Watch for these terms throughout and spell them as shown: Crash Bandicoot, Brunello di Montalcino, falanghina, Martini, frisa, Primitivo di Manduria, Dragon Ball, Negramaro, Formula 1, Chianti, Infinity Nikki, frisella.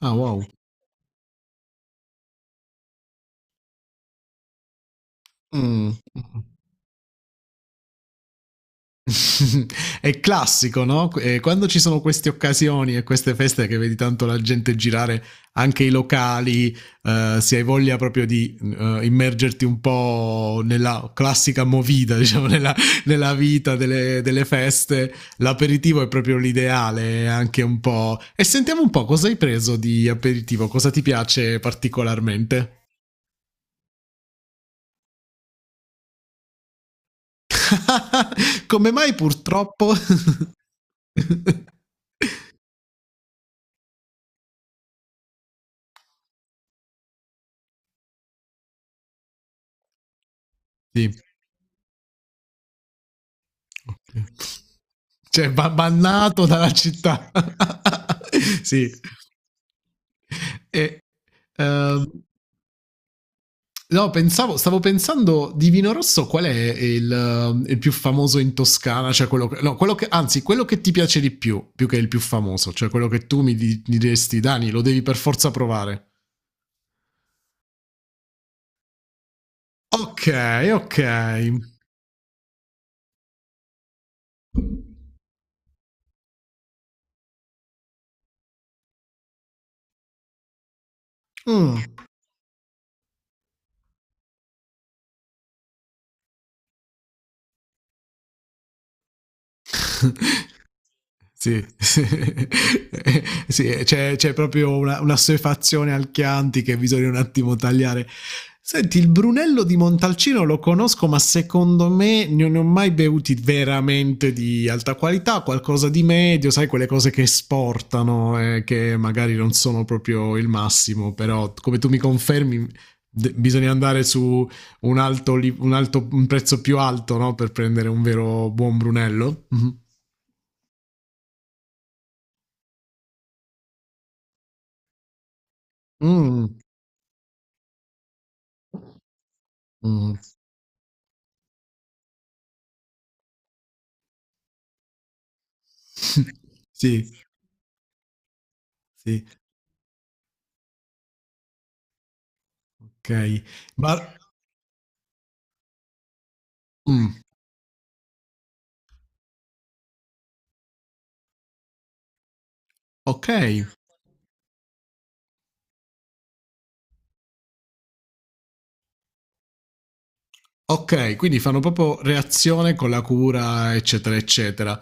Ah, wow. Mh, mh. È classico, no, quando ci sono queste occasioni e queste feste che vedi tanto la gente girare anche i locali, se hai voglia proprio di immergerti un po' nella classica movida, diciamo, nella vita delle feste, l'aperitivo è proprio l'ideale è anche un po' e sentiamo un po' cosa hai preso di aperitivo, cosa ti piace particolarmente? Come mai purtroppo? Sì. Ok. Cioè, va bannato dalla città. Sì. E, ehm, no, pensavo, stavo pensando di vino rosso qual è il più famoso in Toscana, cioè quello che, no, quello che, anzi, quello che ti piace di più, più che il più famoso, cioè quello che tu mi, mi diresti, Dani, lo devi per forza provare. Ok, ok. Mm. Sì, sì, sì, c'è proprio una assuefazione al Chianti che bisogna un attimo tagliare. Senti, il Brunello di Montalcino lo conosco, ma secondo me non ne ho mai bevuti veramente di alta qualità, qualcosa di medio, sai, quelle cose che esportano, che magari non sono proprio il massimo, però come tu mi confermi, bisogna andare su un, alto, un prezzo più alto, no, per prendere un vero buon Brunello. Mhm. Mh, mh. Sì, sì, okay. Ma mh, okay. Ok, quindi fanno proprio reazione con la cura, eccetera, eccetera.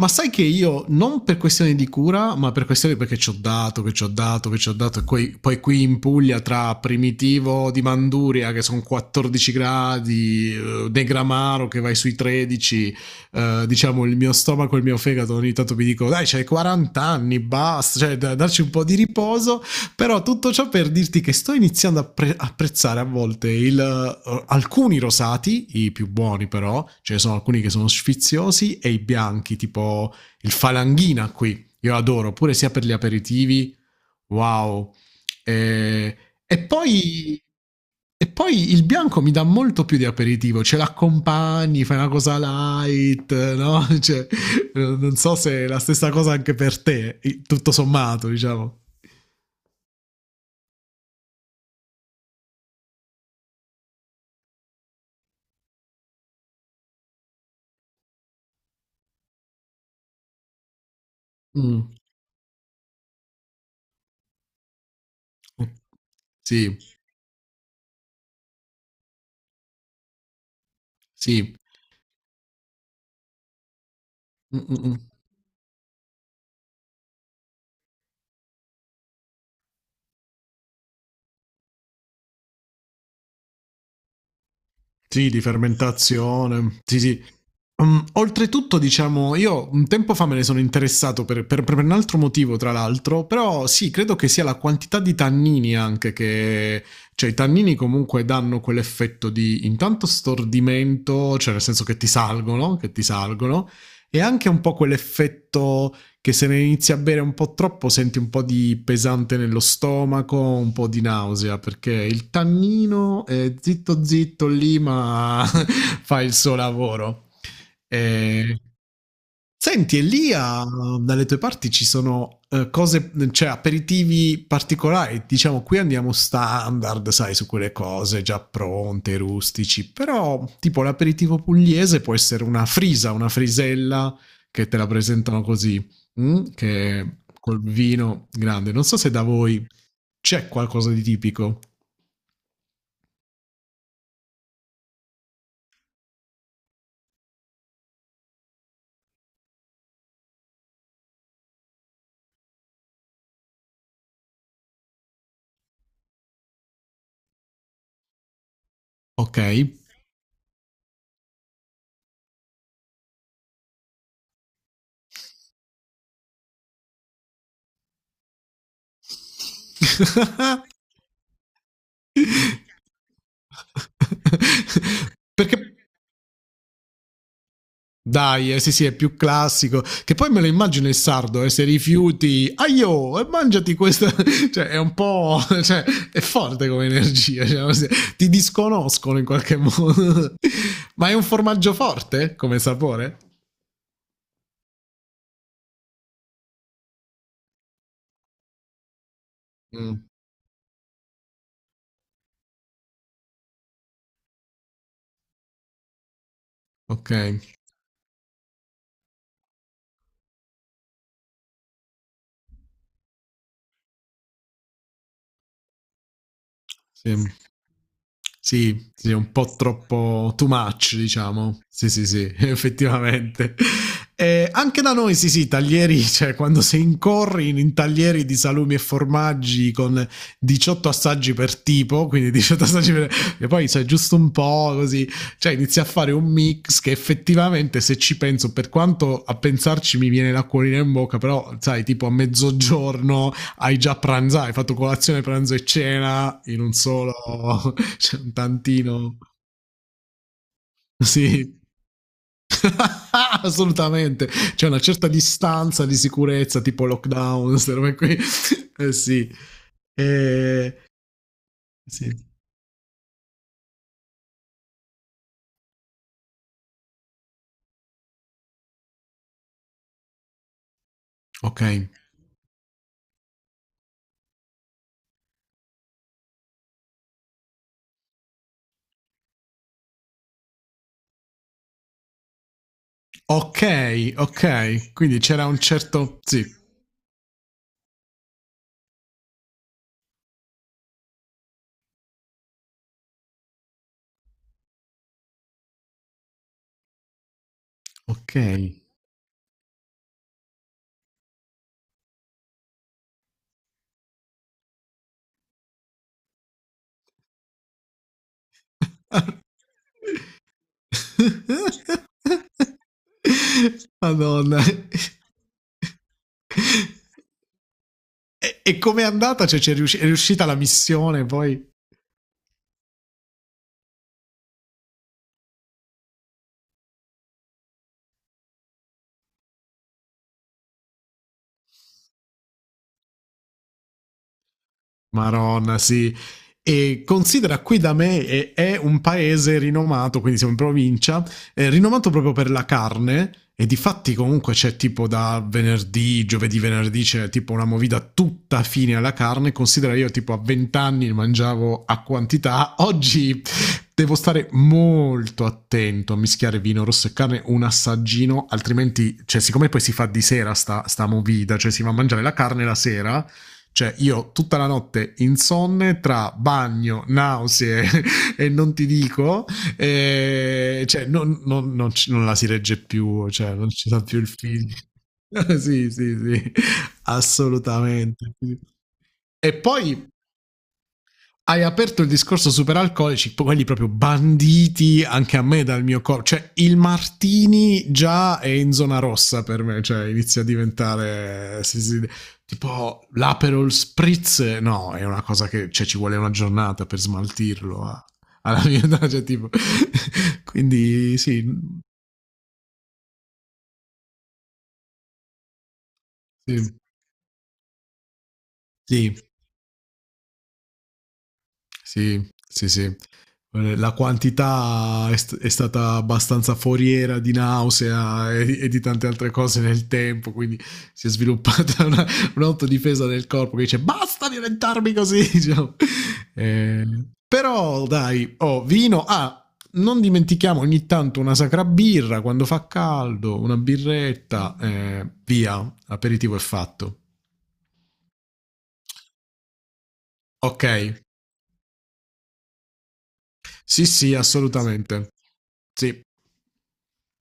Ma sai che io, non per questioni di cura, ma per questioni perché ci ho dato, che ci ho dato, che ci ho dato, e poi, poi qui in Puglia tra Primitivo di Manduria, che sono 14 gradi, Negramaro che vai sui 13, diciamo il mio stomaco e il mio fegato ogni tanto mi dicono dai, c'hai 40 anni, basta, cioè darci un po' di riposo però tutto ciò per dirti che sto iniziando a apprezzare a volte alcuni rosati, i più buoni però, ce ne sono alcuni che sono sfiziosi, e i bianchi, tipo il falanghina qui, io adoro, pure sia per gli aperitivi, wow. E, e poi... E poi il bianco mi dà molto più di aperitivo, ce l'accompagni, fai una cosa light, no? Cioè, non so se è la stessa cosa anche per te, tutto sommato, diciamo. Mm, ok. Sì, sì. Mm, mm, mm. Sì, di fermentazione. Sì, sì. Mm, oltretutto, diciamo, io un tempo fa me ne sono interessato per un altro motivo, tra l'altro, però sì, credo che sia la quantità di tannini anche che... Cioè, i tannini comunque danno quell'effetto di intanto stordimento, cioè nel senso che ti salgono, e anche un po' quell'effetto che se ne inizi a bere un po' troppo senti un po' di pesante nello stomaco, un po' di nausea, perché il tannino è zitto zitto lì, ma fa il suo lavoro. E Senti, e dalle tue parti ci sono cose, cioè aperitivi particolari. Diciamo, qui andiamo standard, sai, su quelle cose già pronte, rustici. Però, tipo l'aperitivo pugliese può essere una frisa, una frisella che te la presentano così, mm? Che col vino grande. Non so se da voi c'è qualcosa di tipico. Ok. Perché Dai, sì, sì, è più classico. Che poi me lo immagino il sardo, se rifiuti, aio, e mangiati questa. Cioè, è un po'. Cioè, è forte come energia. Cioè, ti disconoscono in qualche modo. Ma è un formaggio forte come sapore? Mm, ok. Sì. Sì, sì, un po' troppo too much, diciamo. Sì, sì, sì, effettivamente. E anche da noi, sì, sì, taglieri, cioè quando si incorri in taglieri di salumi e formaggi con 18 assaggi per tipo, quindi 18 assaggi per... E poi sai, giusto un po' così, cioè inizi a fare un mix che effettivamente se ci penso, per quanto a pensarci mi viene l'acquolina in bocca, però sai, tipo a mezzogiorno hai già pranzato, hai fatto colazione, pranzo e cena in un solo, cioè un tantino. Sì, assolutamente. C'è una certa distanza di sicurezza, tipo lockdown, queste robe qui. Sì. Eh, sì. Ok. Ok, ok. Quindi c'era un certo... Sì, ok. Madonna. E com'è andata? Cioè, è riuscita la missione poi? Maronna, sì. E considera qui da me è un paese rinomato, quindi siamo in provincia, è rinomato proprio per la carne. E di fatti comunque c'è tipo da venerdì, giovedì, venerdì c'è tipo una movida tutta fine alla carne. Considera io tipo a 20 anni mangiavo a quantità, oggi devo stare molto attento a mischiare vino rosso e carne, un assaggino, altrimenti, cioè siccome poi si fa di sera sta movida, cioè si va a mangiare la carne la sera cioè, io tutta la notte insonne tra bagno, nausee e non ti dico, e cioè, non la si regge più, cioè, non ci sta più il film. Sì, sì, sì, assolutamente. E poi hai aperto il discorso superalcolici, quelli proprio banditi anche a me dal mio corpo. Cioè, il Martini già è in zona rossa per me, cioè inizia a diventare. Tipo l'Aperol Spritz, no, è una cosa che cioè, ci vuole una giornata per smaltirlo. Alla mia età, cioè, tipo. Quindi, sì. Sì, sì. Sì, sì, sì. La quantità è stata abbastanza foriera di nausea e di tante altre cose nel tempo, quindi si è sviluppata un'autodifesa del corpo che dice basta diventarmi così. Diciamo. Eh, però dai, oh, vino. Ah, non dimentichiamo ogni tanto una sacra birra quando fa caldo, una birretta, via, aperitivo è fatto. Ok, sì, sì, assolutamente. Sì.